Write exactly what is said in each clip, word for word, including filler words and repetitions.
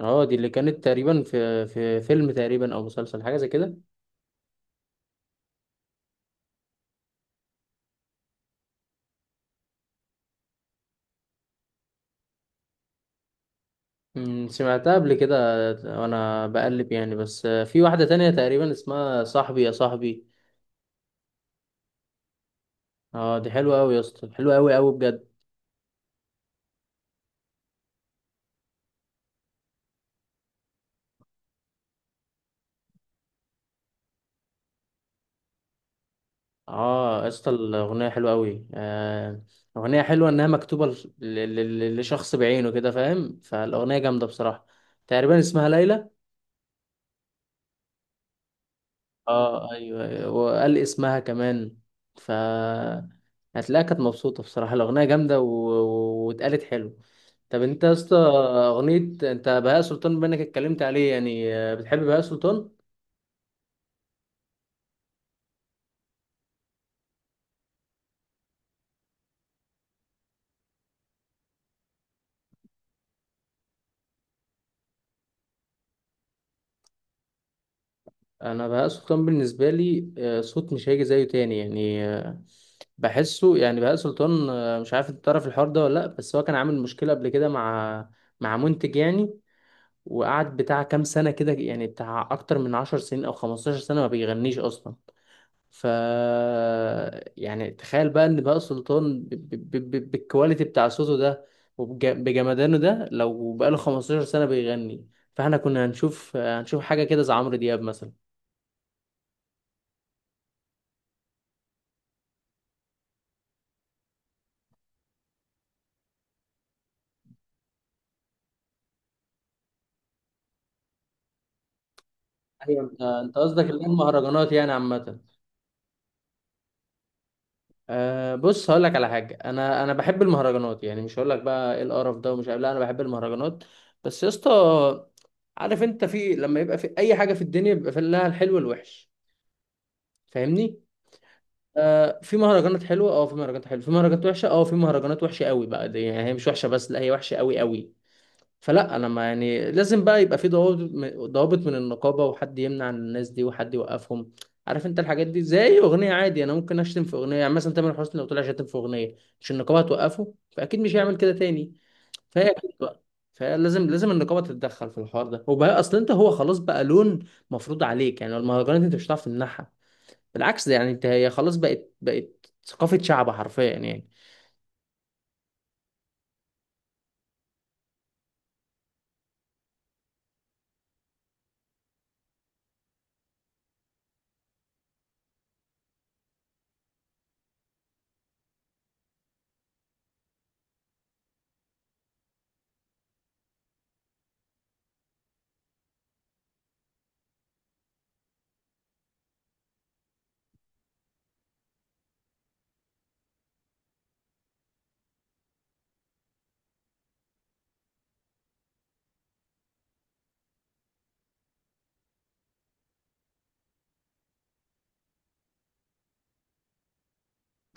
اه، دي اللي كانت تقريبا في في فيلم، تقريبا او مسلسل، حاجه زي كده. أمم، سمعتها قبل كده. وانا بقلب يعني، بس آه، في واحده تانية تقريبا اسمها صاحبي يا صاحبي. اه، دي حلوه قوي يا اسطى، حلوه قوي قوي بجد. اه يا اسطى، الاغنيه حلوه قوي آه اغنيه حلوه انها مكتوبه ل- ل- ل- لشخص بعينه كده، فاهم؟ فالاغنيه جامده بصراحه. تقريبا اسمها ليلى. اه، ايوه ايوه، وقال اسمها كمان. ف هتلاقيها كانت مبسوطه بصراحه، الاغنيه جامده و... و- واتقالت حلو. طب انت يا اسطى اغنيه، انت بهاء سلطان بما انك اتكلمت عليه يعني، آه، بتحب بهاء سلطان؟ انا بهاء سلطان بالنسبه لي آه، صوت مش هيجي زيه تاني يعني آه، بحسه يعني. بهاء سلطان آه، مش عارف انت تعرف الحوار ده ولا لا، بس هو كان عامل مشكله قبل كده، مع مع منتج يعني، وقعد بتاع كام سنه كده، يعني بتاع اكتر من عشر سنين او خمستاشر سنه ما بيغنيش اصلا. ف يعني تخيل بقى ان بقى سلطان ب... ب... ب... ب- بالكواليتي بتاع صوته ده وبجمدانه ده، لو بقاله خمسة عشر سنة بيغني، فاحنا كنا هنشوف هنشوف حاجة كده زي عمرو دياب مثلا. ايوه، انت انت قصدك اللي هي المهرجانات يعني عامة. أه بص، هقول لك على حاجة، انا انا بحب المهرجانات، يعني مش هقول لك بقى ايه القرف ده ومش عارف، لا انا بحب المهرجانات. بس يا اسطى، عارف انت، في لما يبقى في اي حاجة في الدنيا بيبقى في لها الحلو والوحش، فاهمني؟ آه في مهرجانات حلوه، اه في مهرجانات حلوه، في مهرجانات وحشه، اه في مهرجانات وحشه قوي بقى. دي يعني هي مش وحشه بس، لا هي وحشه قوي قوي. فلا انا ما يعني، لازم بقى يبقى في ضوابط، ضوابط من النقابه، وحد يمنع الناس دي وحد يوقفهم. عارف انت الحاجات دي زي اغنيه عادي، انا ممكن اشتم في اغنيه. يعني مثلا تامر حسني لو طلع شتم في اغنيه، مش النقابه هتوقفه؟ فاكيد مش هيعمل كده تاني. فهي اكيد بقى، فلازم لازم النقابه تتدخل في الحوار ده. وبقى اصل انت، هو خلاص بقى لون مفروض عليك، يعني المهرجانات انت مش هتعرف تمنعها، بالعكس ده يعني، انت هي خلاص بقت بقت ثقافة شعب حرفيا يعني.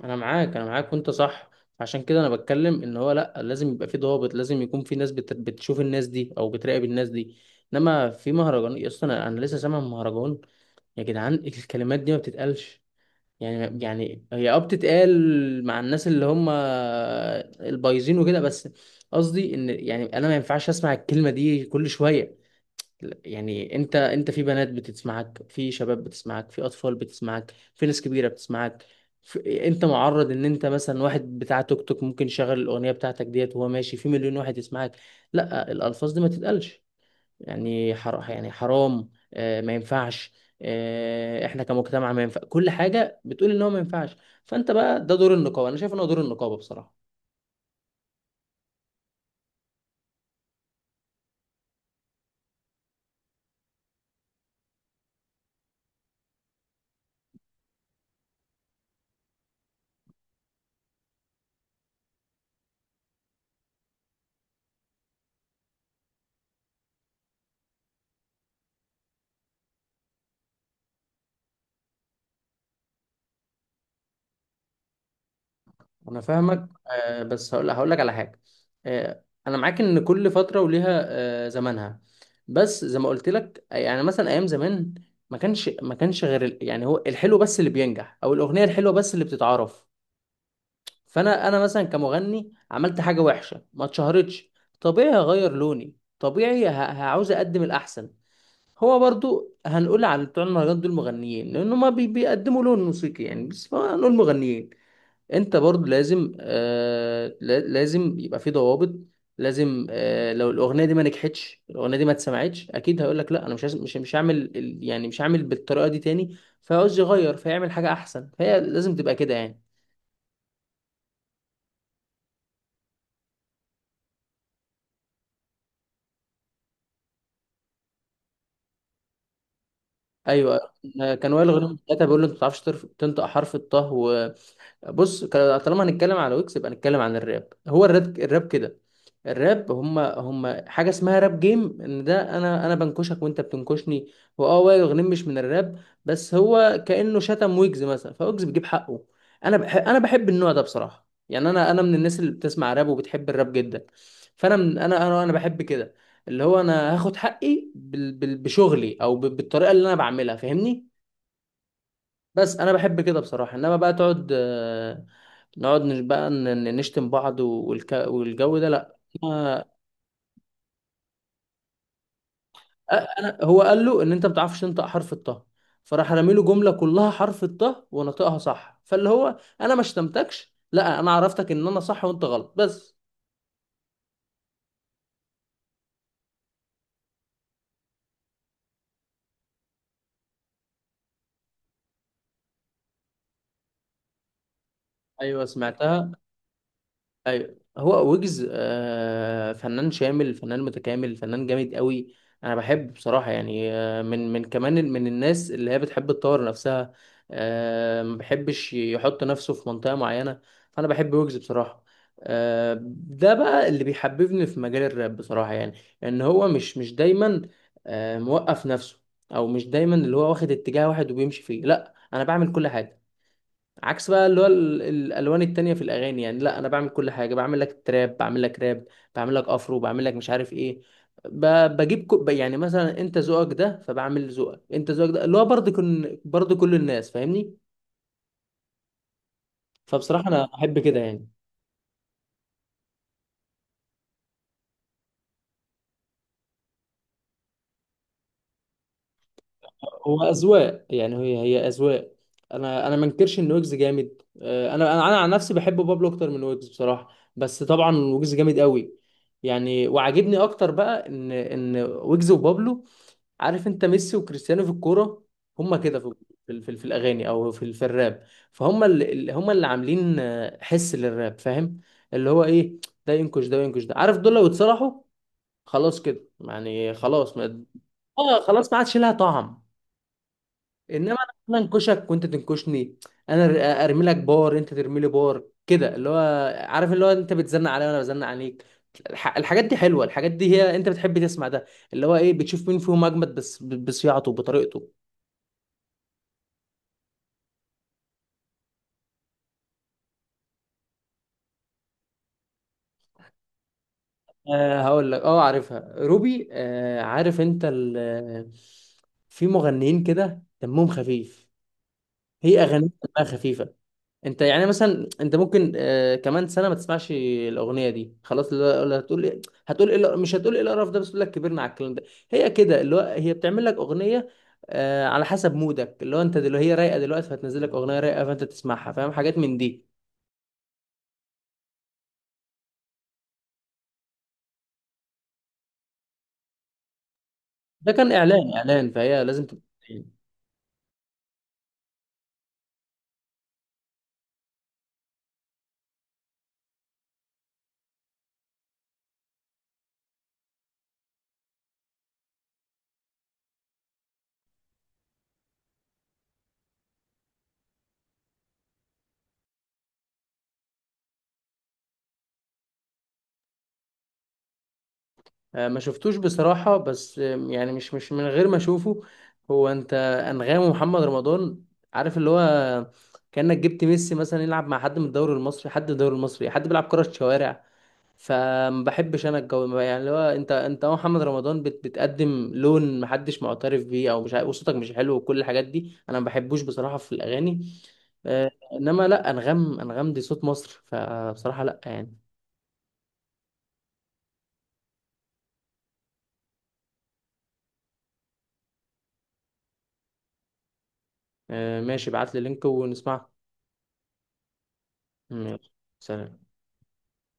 انا معاك انا معاك وانت صح، عشان كده انا بتكلم، ان هو لا لازم يبقى في ضوابط، لازم يكون في ناس بت... بتشوف الناس دي او بتراقب الناس دي. انما في مهرجان اصلا، انا أنا لسه سامع مهرجان، يا جدعان الكلمات دي ما بتتقالش. يعني يعني هي اه بتتقال مع الناس اللي هم البايظين وكده بس. قصدي ان يعني، انا ما ينفعش اسمع الكلمة دي كل شوية. يعني انت انت في بنات بتسمعك، في شباب بتسمعك، في اطفال بتسمعك، في ناس كبيره بتسمعك. في... انت معرض ان انت مثلا، واحد بتاع توك توك ممكن يشغل الاغنيه بتاعتك ديت وهو ماشي، في مليون واحد يسمعك. لا الالفاظ دي ما تتقالش، يعني حر... يعني حرام آه ما ينفعش. آه احنا كمجتمع، ما ينفع كل حاجه، بتقول ان هو ما ينفعش. فانت بقى ده دور النقابه، انا شايف ان هو دور النقابه بصراحه. انا فاهمك، آه، بس هقول هقول لك على حاجه. آه، انا معاك ان كل فتره وليها آه، زمانها. بس زي ما قلت لك، يعني مثلا ايام زمان، ما كانش ما كانش غير ال- يعني هو الحلو بس اللي بينجح، او الاغنيه الحلوه بس اللي بتتعرف. فانا انا مثلا كمغني عملت حاجه وحشه ما اتشهرتش، طبيعي هغير لوني، طبيعي ه- هعوز اقدم الاحسن. هو برضو، هنقول على بتوع المهرجانات دول مغنيين لان هما بي- بيقدموا لون موسيقي يعني، بس هنقول مغنيين. انت برضو لازم آه لا- لازم يبقى في ضوابط. لازم آه لو الاغنيه دي ما نجحتش، الاغنيه دي ما اتسمعتش، اكيد هيقول لك لا انا مش عايز- مش مش هعمل ال- يعني مش هعمل بالطريقه دي تاني، فعاوز يغير فيعمل حاجه احسن، فهي لازم تبقى كده يعني. ايوه، آه، كان وائل غنيم ساعتها بيقول له، انت ما بتعرفش ترف- تنطق حرف الطه. بص، ك- طالما هنتكلم على ويكس يبقى نتكلم عن الراب. هو الراب، الراب كده، الراب هما هما حاجه اسمها راب جيم ان، ده انا انا بنكشك وانت بتنكشني. واه، وائل غنيم مش من الراب، بس هو كانه شتم ويجز مثلا، فويجز بيجيب حقه. انا بحب انا بحب النوع ده بصراحه، يعني انا انا من الناس اللي بتسمع راب وبتحب الراب جدا. فانا من انا انا انا بحب كده، اللي هو انا هاخد حقي بال- بال- بشغلي او ب- بالطريقه اللي انا بعملها، فاهمني؟ بس انا بحب كده بصراحه، انما بقى تقعد، نقعد نش- بقى ن- ن- نشتم بعض والك... والجو ده، لا. ما... أ- انا، هو قال له ان انت ما بتعرفش تنطق حرف الطه، فراح رامي له جمله كلها حرف الطه ونطقها صح، فاللي هو انا ما شتمتكش، لا انا عرفتك ان انا صح وانت غلط بس. ايوه سمعتها. ايوه هو ويجز آه، فنان شامل، فنان متكامل، فنان جامد قوي. انا بحب بصراحه، يعني آه، من من كمان ال- من الناس اللي هي بتحب تطور نفسها. آه، ما بحبش يحط نفسه في منطقه معينه، فانا بحب ويجز بصراحه. آه، ده بقى اللي بيحببني في مجال الراب بصراحه، يعني ان هو مش مش دايما آه، موقف نفسه، او مش دايما اللي هو واخد اتجاه واحد وبيمشي فيه. لا انا بعمل كل حاجه، عكس بقى اللي هو ال- الالوان التانية في الاغاني يعني. لا انا بعمل كل حاجه، بعمل لك تراب، بعمل لك راب، بعمل لك افرو، بعمل لك مش عارف ايه. ب- بجيب كو ب- يعني مثلا انت ذوقك ده، فبعمل ذوقك، انت ذوقك ده اللي هو برضه كن برضه كل الناس، فاهمني؟ فبصراحه انا احب كده يعني. هو اذواق، يعني هي هي اذواق. انا انا ما انكرش ان ويجز جامد، آه، انا انا انا عن نفسي بحب بابلو اكتر من ويجز بصراحه. بس طبعا ويجز جامد قوي يعني. وعاجبني اكتر بقى ان ان ويجز وبابلو، عارف انت ميسي وكريستيانو في الكوره، هما كده في، في, في, في الاغاني او في في الراب. فهم اللي هم اللي عاملين آه، حس للراب، فاهم؟ اللي هو ايه، ده ينكش ده وينكش ده. عارف دول لو اتصلحوا خلاص كده يعني، خلاص ما اه خلاص ما عادش لها طعم. انما انا انكشك وانت تنكشني، انا أر- ارمي لك بار، انت ترمي لي بار كده، اللي هو عارف اللي هو انت بتزنق عليا وانا بزنق عليك. الح- الحاجات دي حلوه، الحاجات دي هي انت بتحب تسمع ده، اللي هو ايه، بتشوف مين فيهم اجمد، بس ب- بصياعته بطريقته. أه، هقول لك، اه عارفها روبي. أه عارف انت، ال- في مغنيين كده دمهم خفيف، هي اغانيها دمها خفيفه. انت يعني مثلا، انت ممكن آه كمان سنه ما تسمعش الاغنيه دي خلاص، لا- لا هتقول ايه، هتقول ايه الق- مش هتقول ايه القرف ده، بس تقول لك كبرنا على الكلام ده. هي كده، اللي هو هي بتعمل لك اغنيه آه على حسب مودك، اللي هو انت دلوقتي هي رايقه دلوقتي، فهتنزل لك اغنيه رايقه، فانت تسمعها، فاهم حاجات من دي. ده كان اعلان اعلان، فهي لازم تبقى. آه، ما شفتوش بصراحة، بس آم، يعني مش مش من غير ما اشوفه. هو انت، انغام ومحمد رمضان، عارف اللي هو، كأنك جبت ميسي مثلا يلعب مع حد من الدوري المصري، حد من الدوري المصري، حد بيلعب كرة شوارع. فما بحبش انا الجو، يعني اللي هو انت انت أهو، محمد رمضان بت بتقدم لون محدش معترف بيه، او مش عارف- وصوتك مش حلو وكل الحاجات دي، انا ما بحبوش بصراحة في الاغاني. آه، انما لا، انغام، انغام دي صوت مصر، فبصراحة لا يعني. آه، ماشي، ابعت لي لينك ونسمعه. ماشي. سلام.